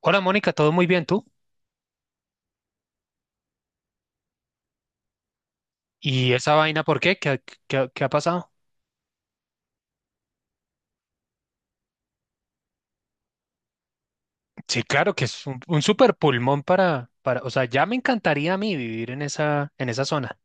Hola Mónica, todo muy bien, ¿tú? ¿Y esa vaina por qué? ¿Qué ha qué ha pasado? Sí, claro que es un super pulmón o sea, ya me encantaría a mí vivir en esa zona.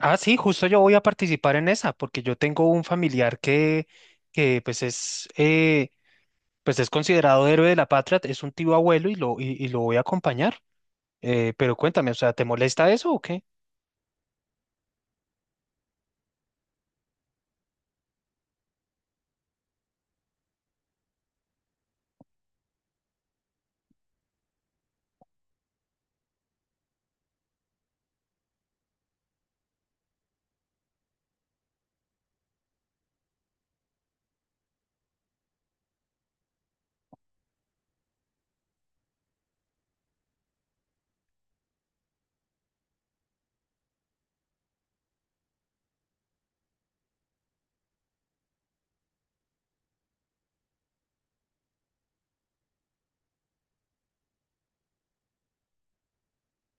Ah, sí, justo yo voy a participar en esa, porque yo tengo un familiar que pues es considerado héroe de la patria, es un tío abuelo y y lo voy a acompañar. Pero cuéntame, o sea, ¿te molesta eso o qué?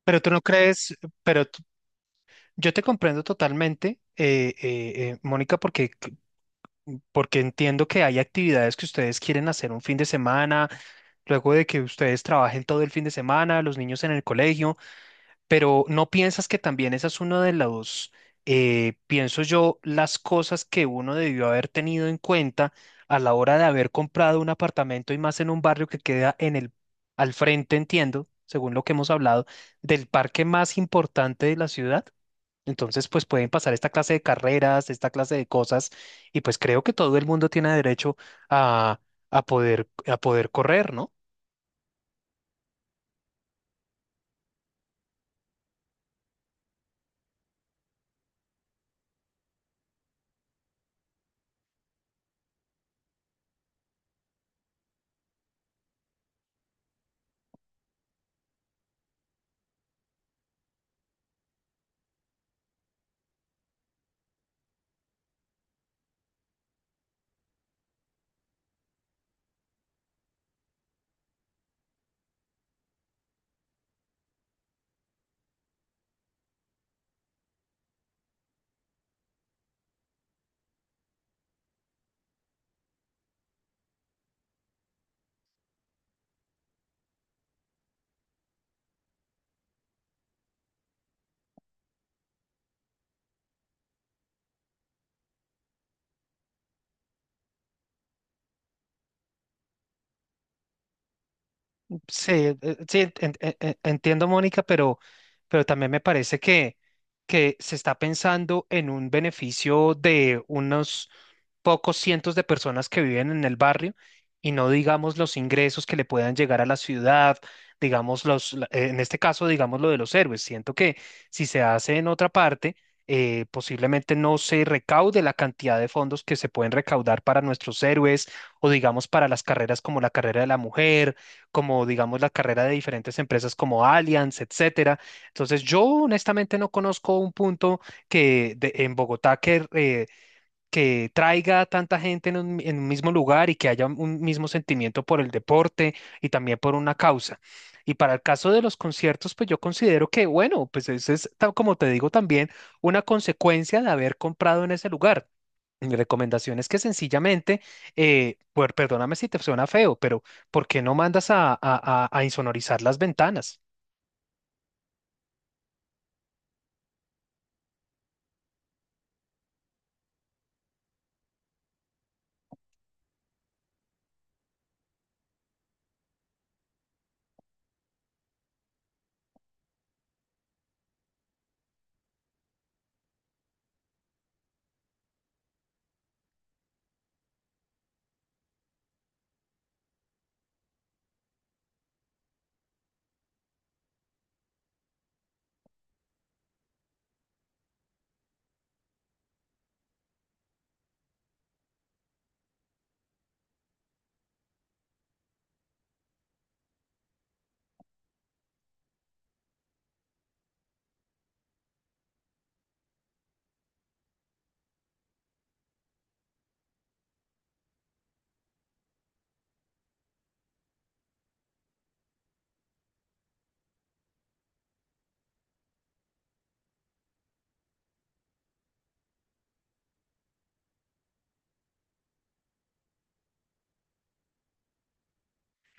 Pero tú no crees, pero tú- yo te comprendo totalmente, Mónica, porque porque entiendo que hay actividades que ustedes quieren hacer un fin de semana, luego de que ustedes trabajen todo el fin de semana, los niños en el colegio, pero ¿no piensas que también esa es una de las pienso yo, las cosas que uno debió haber tenido en cuenta a la hora de haber comprado un apartamento y más en un barrio que queda en el, al frente, entiendo, según lo que hemos hablado, del parque más importante de la ciudad? Entonces, pues pueden pasar esta clase de carreras, esta clase de cosas, y pues creo que todo el mundo tiene derecho a, a poder correr, ¿no? Sí, sí, entiendo, Mónica, pero también me parece que se está pensando en un beneficio de unos pocos cientos de personas que viven en el barrio y no digamos los ingresos que le puedan llegar a la ciudad, digamos en este caso, digamos lo de los héroes. Siento que si se hace en otra parte, posiblemente no se recaude la cantidad de fondos que se pueden recaudar para nuestros héroes o digamos para las carreras como la carrera de la mujer, como digamos la carrera de diferentes empresas como Allianz, etcétera. Entonces, yo honestamente no conozco un punto en Bogotá que traiga a tanta gente en un mismo lugar y que haya un mismo sentimiento por el deporte y también por una causa. Y para el caso de los conciertos, pues yo considero que, bueno, pues eso es, tal como te digo, también una consecuencia de haber comprado en ese lugar. Mi recomendación es que sencillamente, pues, perdóname si te suena feo, pero ¿por qué no mandas a, a insonorizar las ventanas?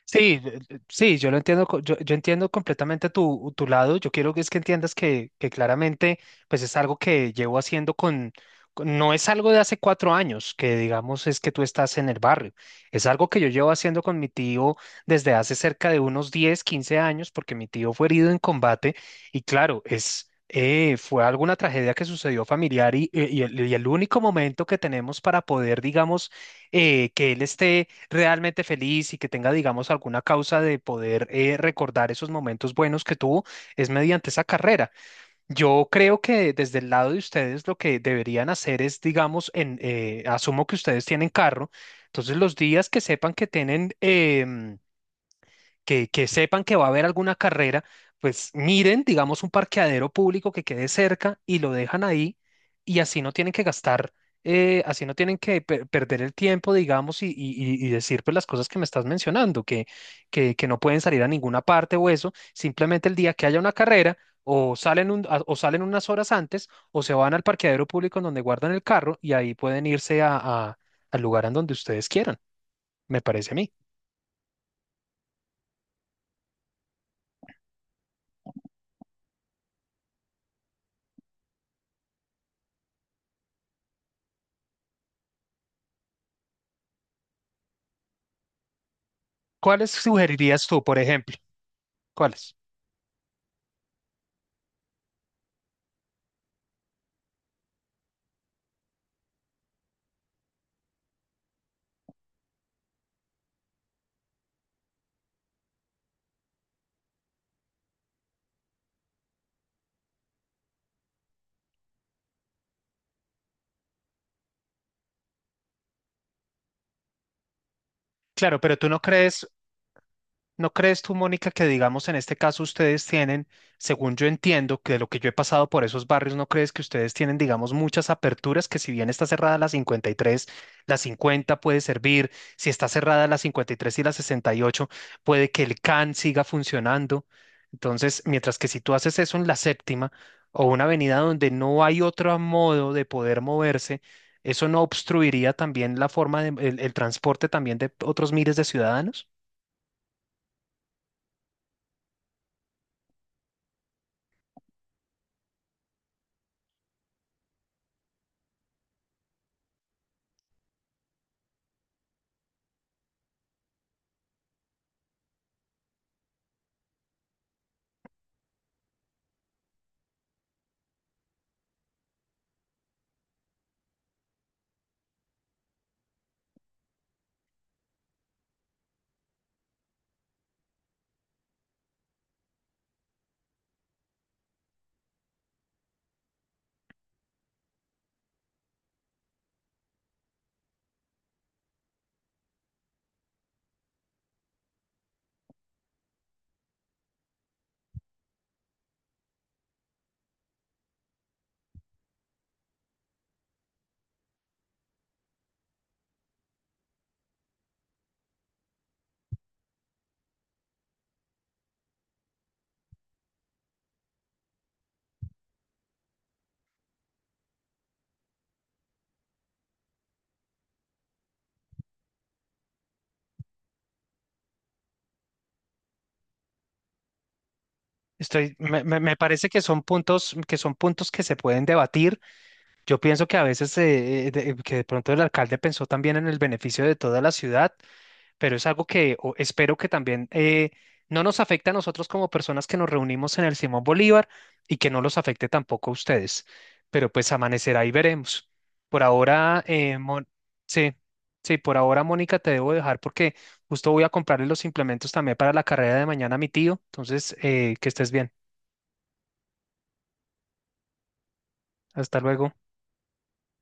Sí, sí, yo lo entiendo, yo, yo entiendo completamente tu, tu lado. Yo quiero que es que entiendas que claramente, pues es algo que llevo haciendo con, no es algo de hace cuatro años, que digamos es que tú estás en el barrio. Es algo que yo llevo haciendo con mi tío desde hace cerca de unos 10, 15 años, porque mi tío fue herido en combate y claro, es fue alguna tragedia que sucedió familiar y el único momento que tenemos para poder, digamos, que él esté realmente feliz y que tenga, digamos, alguna causa de poder recordar esos momentos buenos que tuvo, es mediante esa carrera. Yo creo que desde el lado de ustedes lo que deberían hacer es, digamos, asumo que ustedes tienen carro, entonces los días que sepan que tienen que sepan que va a haber alguna carrera, pues miren, digamos, un parqueadero público que quede cerca y lo dejan ahí y así no tienen que gastar, así no tienen que perder el tiempo, digamos, y decir pues las cosas que me estás mencionando, que no pueden salir a ninguna parte o eso, simplemente el día que haya una carrera. O salen, o salen unas horas antes, o se van al parqueadero público en donde guardan el carro y ahí pueden irse al lugar en donde ustedes quieran, me parece a mí. ¿Cuáles sugerirías tú, por ejemplo? ¿Cuáles? Claro, pero tú no crees, ¿no crees tú, Mónica, que digamos en este caso ustedes tienen, según yo entiendo, que de lo que yo he pasado por esos barrios, ¿no crees que ustedes tienen, digamos, muchas aperturas que si bien está cerrada la 53, la 50 puede servir, si está cerrada la 53 y tres y la 68, puede que el CAN siga funcionando? Entonces, mientras que si tú haces eso en la séptima o una avenida donde no hay otro modo de poder moverse, ¿eso no obstruiría también la forma de, el transporte también de otros miles de ciudadanos? Me parece que son puntos que se pueden debatir. Yo pienso que a veces que de pronto el alcalde pensó también en el beneficio de toda la ciudad, pero es algo que espero que también no nos afecte a nosotros como personas que nos reunimos en el Simón Bolívar y que no los afecte tampoco a ustedes. Pero pues amanecerá y veremos. Por ahora, sí, sí, por ahora, Mónica, te debo dejar porque justo voy a comprarle los implementos también para la carrera de mañana a mi tío. Entonces, que estés bien. Hasta luego.